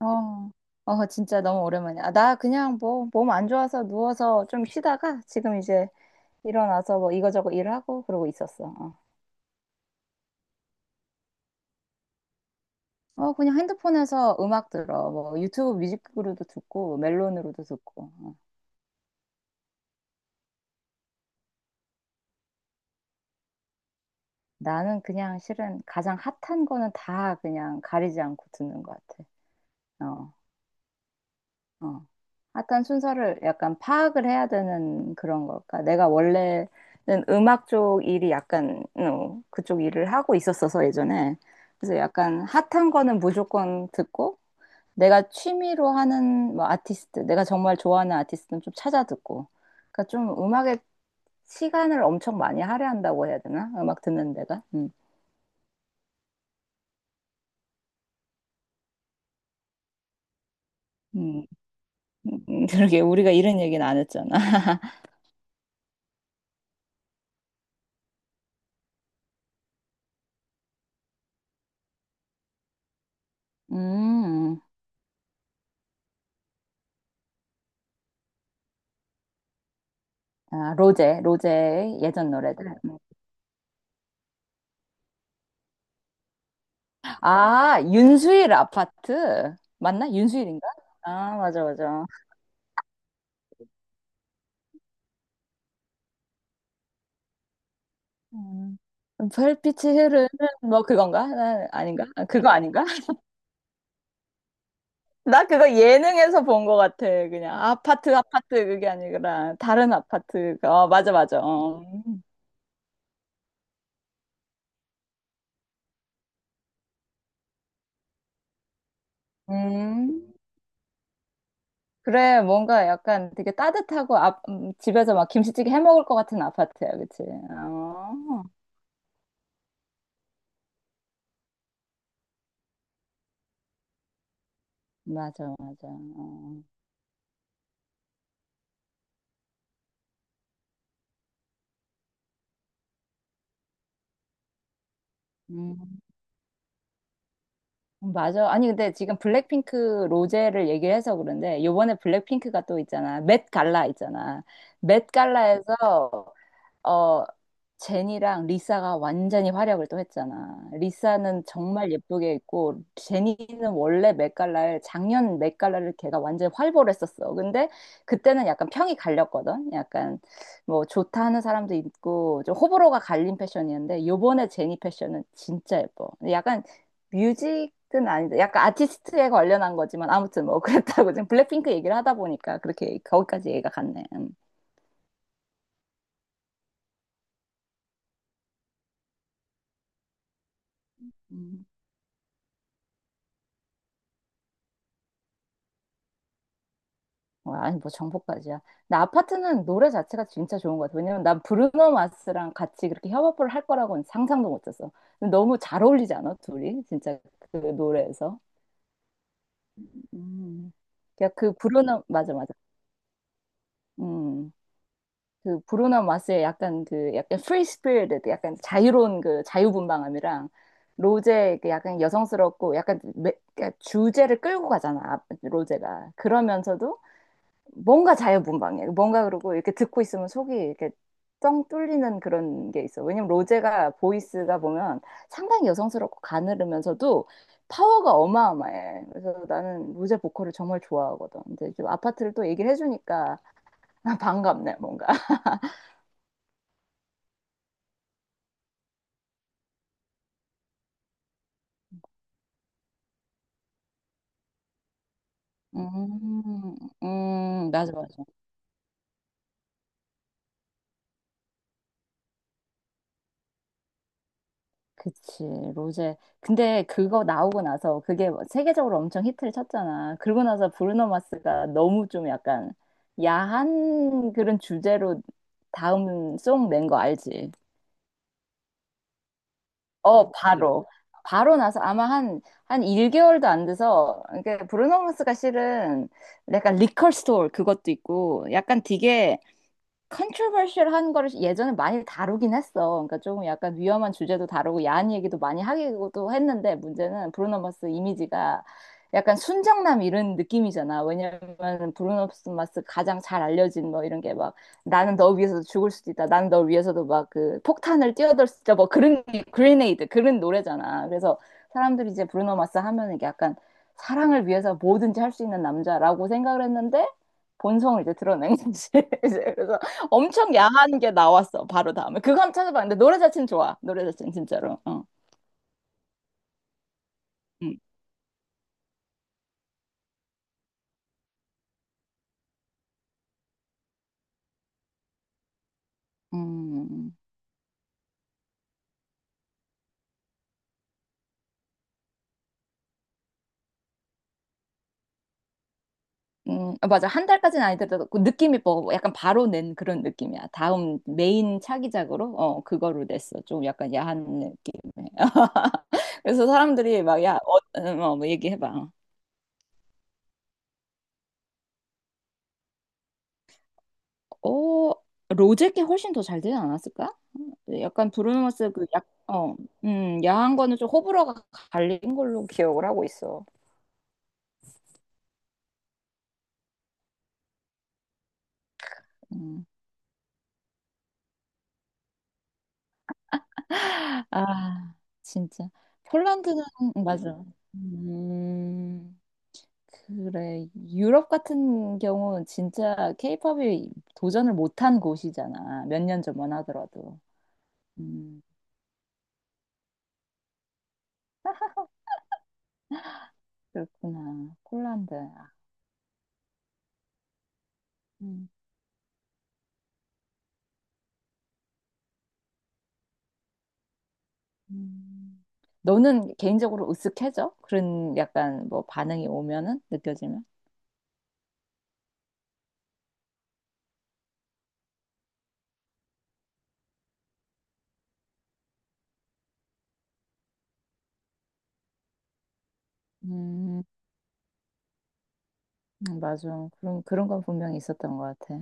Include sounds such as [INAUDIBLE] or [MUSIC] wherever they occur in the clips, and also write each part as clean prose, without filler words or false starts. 어, 진짜 너무 오랜만이야. 아, 나 그냥 뭐, 몸 안 좋아서 누워서 좀 쉬다가 지금 이제 일어나서 뭐 이거저거 일하고 그러고 있었어. 어. 그냥 핸드폰에서 음악 들어. 뭐 유튜브 뮤직으로도 듣고, 멜론으로도 듣고. 어. 나는 그냥 실은 가장 핫한 거는 다 그냥 가리지 않고 듣는 것 같아. 어. 어. 한 순서를 약간 파악을 해야 되는 그런 걸까? 내가 원래는 음악 쪽 일이 약간 그쪽 일을 하고 있었어서 예전에. 그래서 약간 핫한 거는 무조건 듣고, 내가 취미로 하는 뭐 아티스트, 내가 정말 좋아하는 아티스트는 좀 찾아 듣고. 그러니까 좀 음악에 시간을 엄청 많이 할애한다고 해야 되나? 음악 듣는 데가. 음. 음. [LAUGHS] 그러게 우리가 이런 얘기는 안 했잖아. [LAUGHS] 음. 아, 로제, 로제의 예전 노래들. 아, 윤수일 아파트? 맞나? 윤수일인가? 아, 맞아, 맞아. 음. 별빛이 흐르는 뭐 그건가? 아닌가? 아, 그거 아닌가? [LAUGHS] 나 그거 예능에서 본 것 같아. 그냥 아파트, 아파트 그게 아니라 다른 아파트. 어, 맞아, 맞아. 어. 음. 그래, 뭔가 약간 되게 따뜻하고 아, 집에서 막 김치찌개 해 먹을 것 같은 아파트야, 그치? 어, 맞아, 맞아. 어. 음. 맞아. 아니, 근데 지금 블랙핑크 로제를 얘기를 해서 그런데, 요번에 블랙핑크가 또 있잖아. 맷 갈라 있잖아. 맷 갈라에서, 어, 제니랑 리사가 완전히 활약을 또 했잖아. 리사는 정말 예쁘게 입고, 제니는 원래 맷 갈라를, 작년 맷 갈라를 걔가 완전히 활보했었어. 근데 그때는 약간 평이 갈렸거든. 약간 뭐 좋다 하는 사람도 있고, 좀 호불호가 갈린 패션이었는데, 요번에 제니 패션은 진짜 예뻐. 약간 뮤직은 아닌데 약간 아티스트에 관련한 거지만 아무튼 뭐 [LAUGHS] 그랬다고. 지금 블랙핑크 얘기를 하다 보니까 그렇게 거기까지 얘기가 갔네. 음. 음. 와, 아니 뭐 정보까지야. 나 아파트는 노래 자체가 진짜 좋은 것 같아. 왜냐면 난 브루노 마스랑 같이 그렇게 협업을 할 거라고는 상상도 못했어. 근데 너무 잘 어울리지 않아? 둘이 진짜 그 노래에서. 음. 그냥 그 브루노, 맞아, 맞아. 음. 그 브루노 마스의 약간 그 약간 프리 스피릿, 약간 자유로운 그 자유분방함이랑 로제의 그 약간 여성스럽고 그러니까 주제를 끌고 가잖아 로제가. 그러면서도 뭔가 자유분방해. 뭔가 그러고 이렇게 듣고 있으면 속이 이렇게 뻥 뚫리는 그런 게 있어. 왜냐면 로제가 보이스가 보면 상당히 여성스럽고 가늘으면서도 파워가 어마어마해. 그래서 나는 로제 보컬을 정말 좋아하거든. 근데 좀 아파트를 또 얘기를 해주니까 [LAUGHS] 반갑네 뭔가. 음. 맞아, 맞아. 그치, 로제. 근데 그거 나오고 나서 그게 뭐 세계적으로 엄청 히트를 쳤잖아. 그러고 나서 브루노 마스가 너무 좀 약간 야한 그런 주제로 다음 송 낸 거 알지? 어, 바로. 바로 나서 아마 한 1개월도 안 돼서. 그러니까 브루노 마스가 실은 약간 리컬 스토어 그것도 있고, 약간 되게 컨트로버셜한 거를 예전에 많이 다루긴 했어. 그러니까 조금 약간 위험한 주제도 다루고 야한 얘기도 많이 하기도 했는데, 문제는 브루노 마스 이미지가 약간 순정남 이런 느낌이잖아. 왜냐면 브루노 마스 가장 잘 알려진 뭐 이런 게 막 나는 너 위해서도 죽을 수도 있다, 나는 너 위해서도 막 그 폭탄을 뛰어들 수 있다, 뭐 그런 그레네이드 그런 노래잖아. 그래서 사람들이 이제 브루노 마스 하면은 이게 약간 사랑을 위해서 뭐든지 할 수 있는 남자라고 생각을 했는데 본성을 이제 드러낸 거지. [LAUGHS] 이제 그래서 엄청 야한 게 나왔어. 바로 다음에. 그거 한번 찾아봤는데 노래 자체는 좋아. 노래 자체는 진짜로. 어. 음. 음. 음. 아, 맞아. 한 달까지는 아니더라도 그 느낌이 뭐 약간 바로 낸 그런 느낌이야. 다음 메인 차기작으로 어 그거로 냈어. 좀 약간 야한 느낌에. [LAUGHS] 그래서 사람들이 막 야, 어, 어, 뭐 얘기해봐. 어, 로제께 훨씬 더 잘 되지 않았을까? 약간 브루노 마스 그 약, 어, 야한 거는 좀 호불호가 갈린 걸로 기억을 하고 있어. 음. 아, 진짜. 폴란드는, 맞아. 음, 그래. 유럽 같은 경우는 진짜 케이팝이 도전을 못한 곳이잖아. 몇 년 전만 하더라도. 음, 그렇구나. 폴란드. 아, 음, 음. 너는 개인적으로 으쓱해져? 그런 약간 뭐 반응이 오면은 느껴지면? 음, 맞아. 그런, 그런 건 분명히 있었던 것 같아.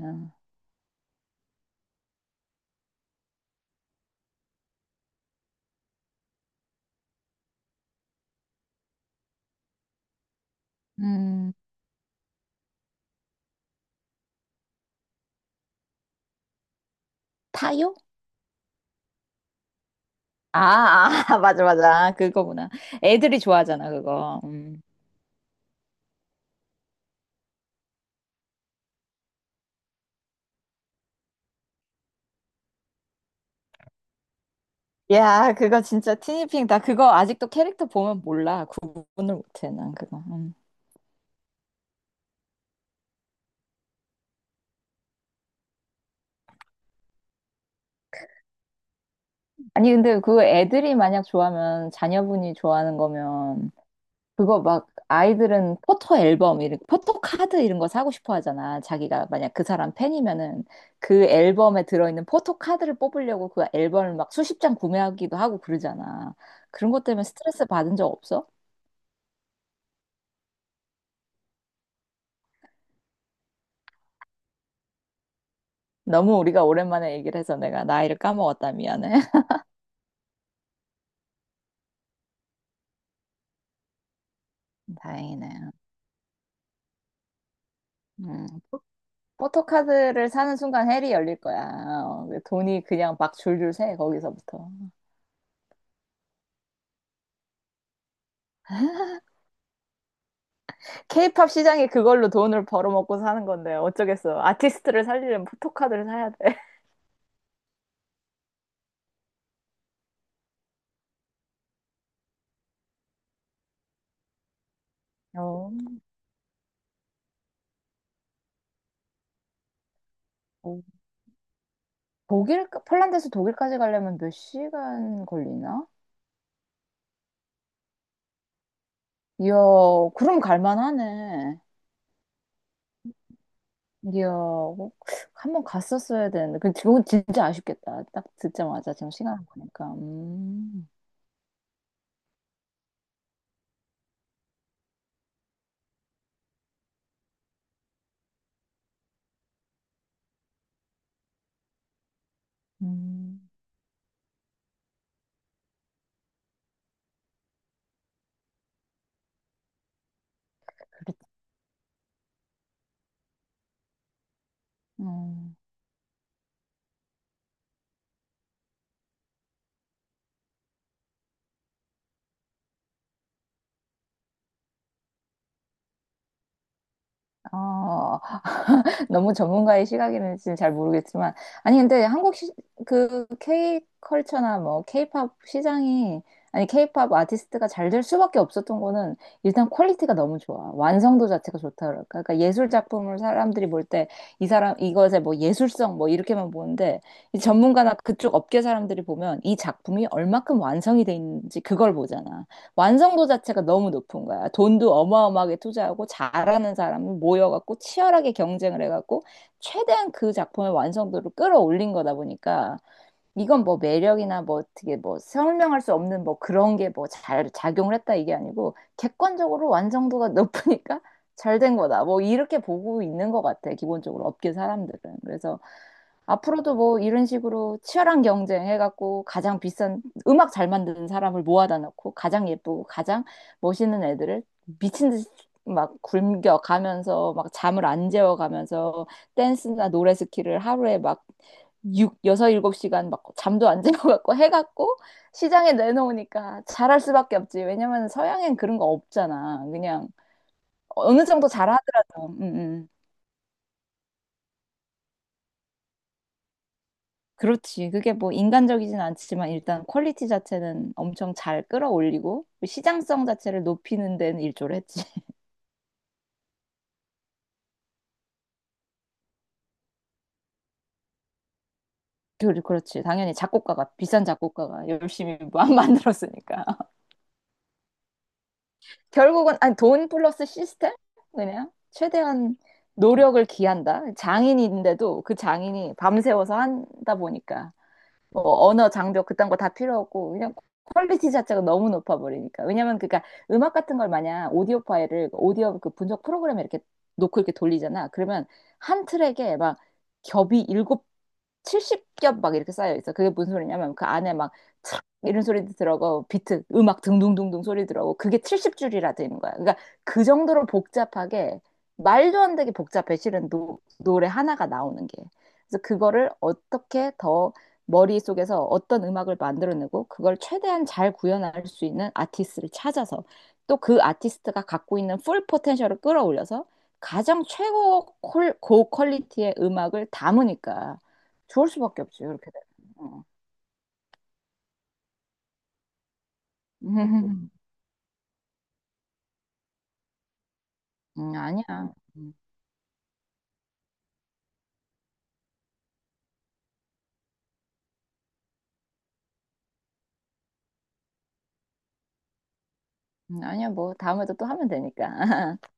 음. 타요? 아, 아, [LAUGHS] 맞아, 맞아. 그거구나. 애들이 좋아하잖아, 그거. 음. 야, 그거 진짜 티니핑. 나 그거 아직도 캐릭터 보면 몰라. 구분을 못해, 난 그거. 음. 아니, 근데 그 애들이 만약 좋아하면, 자녀분이 좋아하는 거면, 그거 막, 아이들은 포토 앨범, 이런, 포토 카드 이런 거 사고 싶어 하잖아. 자기가 만약 그 사람 팬이면은, 그 앨범에 들어있는 포토 카드를 뽑으려고 그 앨범을 막 수십 장 구매하기도 하고 그러잖아. 그런 것 때문에 스트레스 받은 적 없어? 너무 우리가 오랜만에 얘기를 해서 내가 나이를 까먹었다. 미안해. [LAUGHS] 다행이네. 음. 포토카드를 사는 순간 헬이 열릴 거야. 어, 돈이 그냥 막 줄줄 새, 거기서부터. 케이팝 시장이 그걸로 돈을 벌어먹고 사는 건데, 어쩌겠어. 아티스트를 살리려면 포토카드를 사야 돼. [LAUGHS] 어. 어. 독일, 폴란드에서 독일까지 가려면 몇 시간 걸리나? 이야, 그럼 갈만하네. 이야, 꼭 한번 갔었어야 되는데. 그, 그건 진짜 아쉽겠다. 딱 듣자마자 지금 시간 보니까. 음. 음, 그랬, 음. 어, [LAUGHS] 너무 전문가의 시각에는 지금 잘 모르겠지만, 아니, 근데 한국 시, 그 K 컬처나 뭐 K팝 시장이, 아니, K팝 아티스트가 잘 될 수밖에 없었던 거는 일단 퀄리티가 너무 좋아. 완성도 자체가 좋다. 그럴까? 그러니까 예술 작품을 사람들이 볼 때 이 사람, 이것의 뭐 예술성 뭐 이렇게만 보는데, 이 전문가나 그쪽 업계 사람들이 보면 이 작품이 얼마큼 완성이 돼 있는지 그걸 보잖아. 완성도 자체가 너무 높은 거야. 돈도 어마어마하게 투자하고 잘하는 사람을 모여갖고 치열하게 경쟁을 해갖고 최대한 그 작품의 완성도를 끌어올린 거다 보니까 이건 뭐 매력이나 뭐 어떻게 뭐 설명할 수 없는 뭐 그런 게 뭐 잘 작용을 했다 이게 아니고 객관적으로 완성도가 [LAUGHS] 높으니까 잘 된 거다. 뭐 이렇게 보고 있는 것 같아. 기본적으로 업계 사람들은. 그래서 앞으로도 뭐 이런 식으로 치열한 경쟁 해갖고 가장 비싼 음악 잘 만드는 사람을 모아다 놓고 가장 예쁘고 가장 멋있는 애들을 미친 듯이 막 굶겨가면서 막 잠을 안 재워가면서 댄스나 노래 스킬을 하루에 막 육 여섯 일곱 시간막 잠도 안 [LAUGHS] 자고 갖고 해갖고 시장에 내놓으니까 잘할 수밖에 없지. 왜냐면 서양엔 그런 거 없잖아. 그냥 어느 정도 잘하더라도. 그렇지. 그게 뭐 인간적이진 않지만 일단 퀄리티 자체는 엄청 잘 끌어올리고 시장성 자체를 높이는 데는 일조를 했지. [LAUGHS] 그렇지. 당연히 작곡가가 비싼 작곡가가 열심히 만들었으니까. 결국은 아니 돈 플러스 시스템, 그냥 최대한 노력을 기한다. 장인인데도 그 장인이 밤새워서 한다 보니까 뭐 언어 장벽 그딴 거 다 필요 없고 그냥 퀄리티 자체가 너무 높아 버리니까. 왜냐면 그니까 음악 같은 걸 마냥 오디오 파일을 오디오 그 분석 프로그램에 이렇게 놓고 이렇게 돌리잖아. 그러면 한 트랙에 막 겹이 일곱 70겹 막 이렇게 쌓여 있어. 그게 무슨 소리냐면 그 안에 막 촥 이런 소리도 들어가고 비트 음악 둥둥둥둥 소리 들어가고 그게 70줄이라 되는 거야. 그러니까 그 정도로 복잡하게 말도 안 되게 복잡해 실은 노래 하나가 나오는 게. 그래서 그거를 어떻게 더 머릿속에서 어떤 음악을 만들어내고 그걸 최대한 잘 구현할 수 있는 아티스트를 찾아서 또 그 아티스트가 갖고 있는 풀 포텐셜을 끌어올려서 가장 최고 고 퀄리티의 음악을 담으니까 좋을 수밖에 없지, 그렇게 되면. 어. [LAUGHS] 아니야. 음. 아니야, 뭐, 다음에도 또 하면 되니까. [LAUGHS]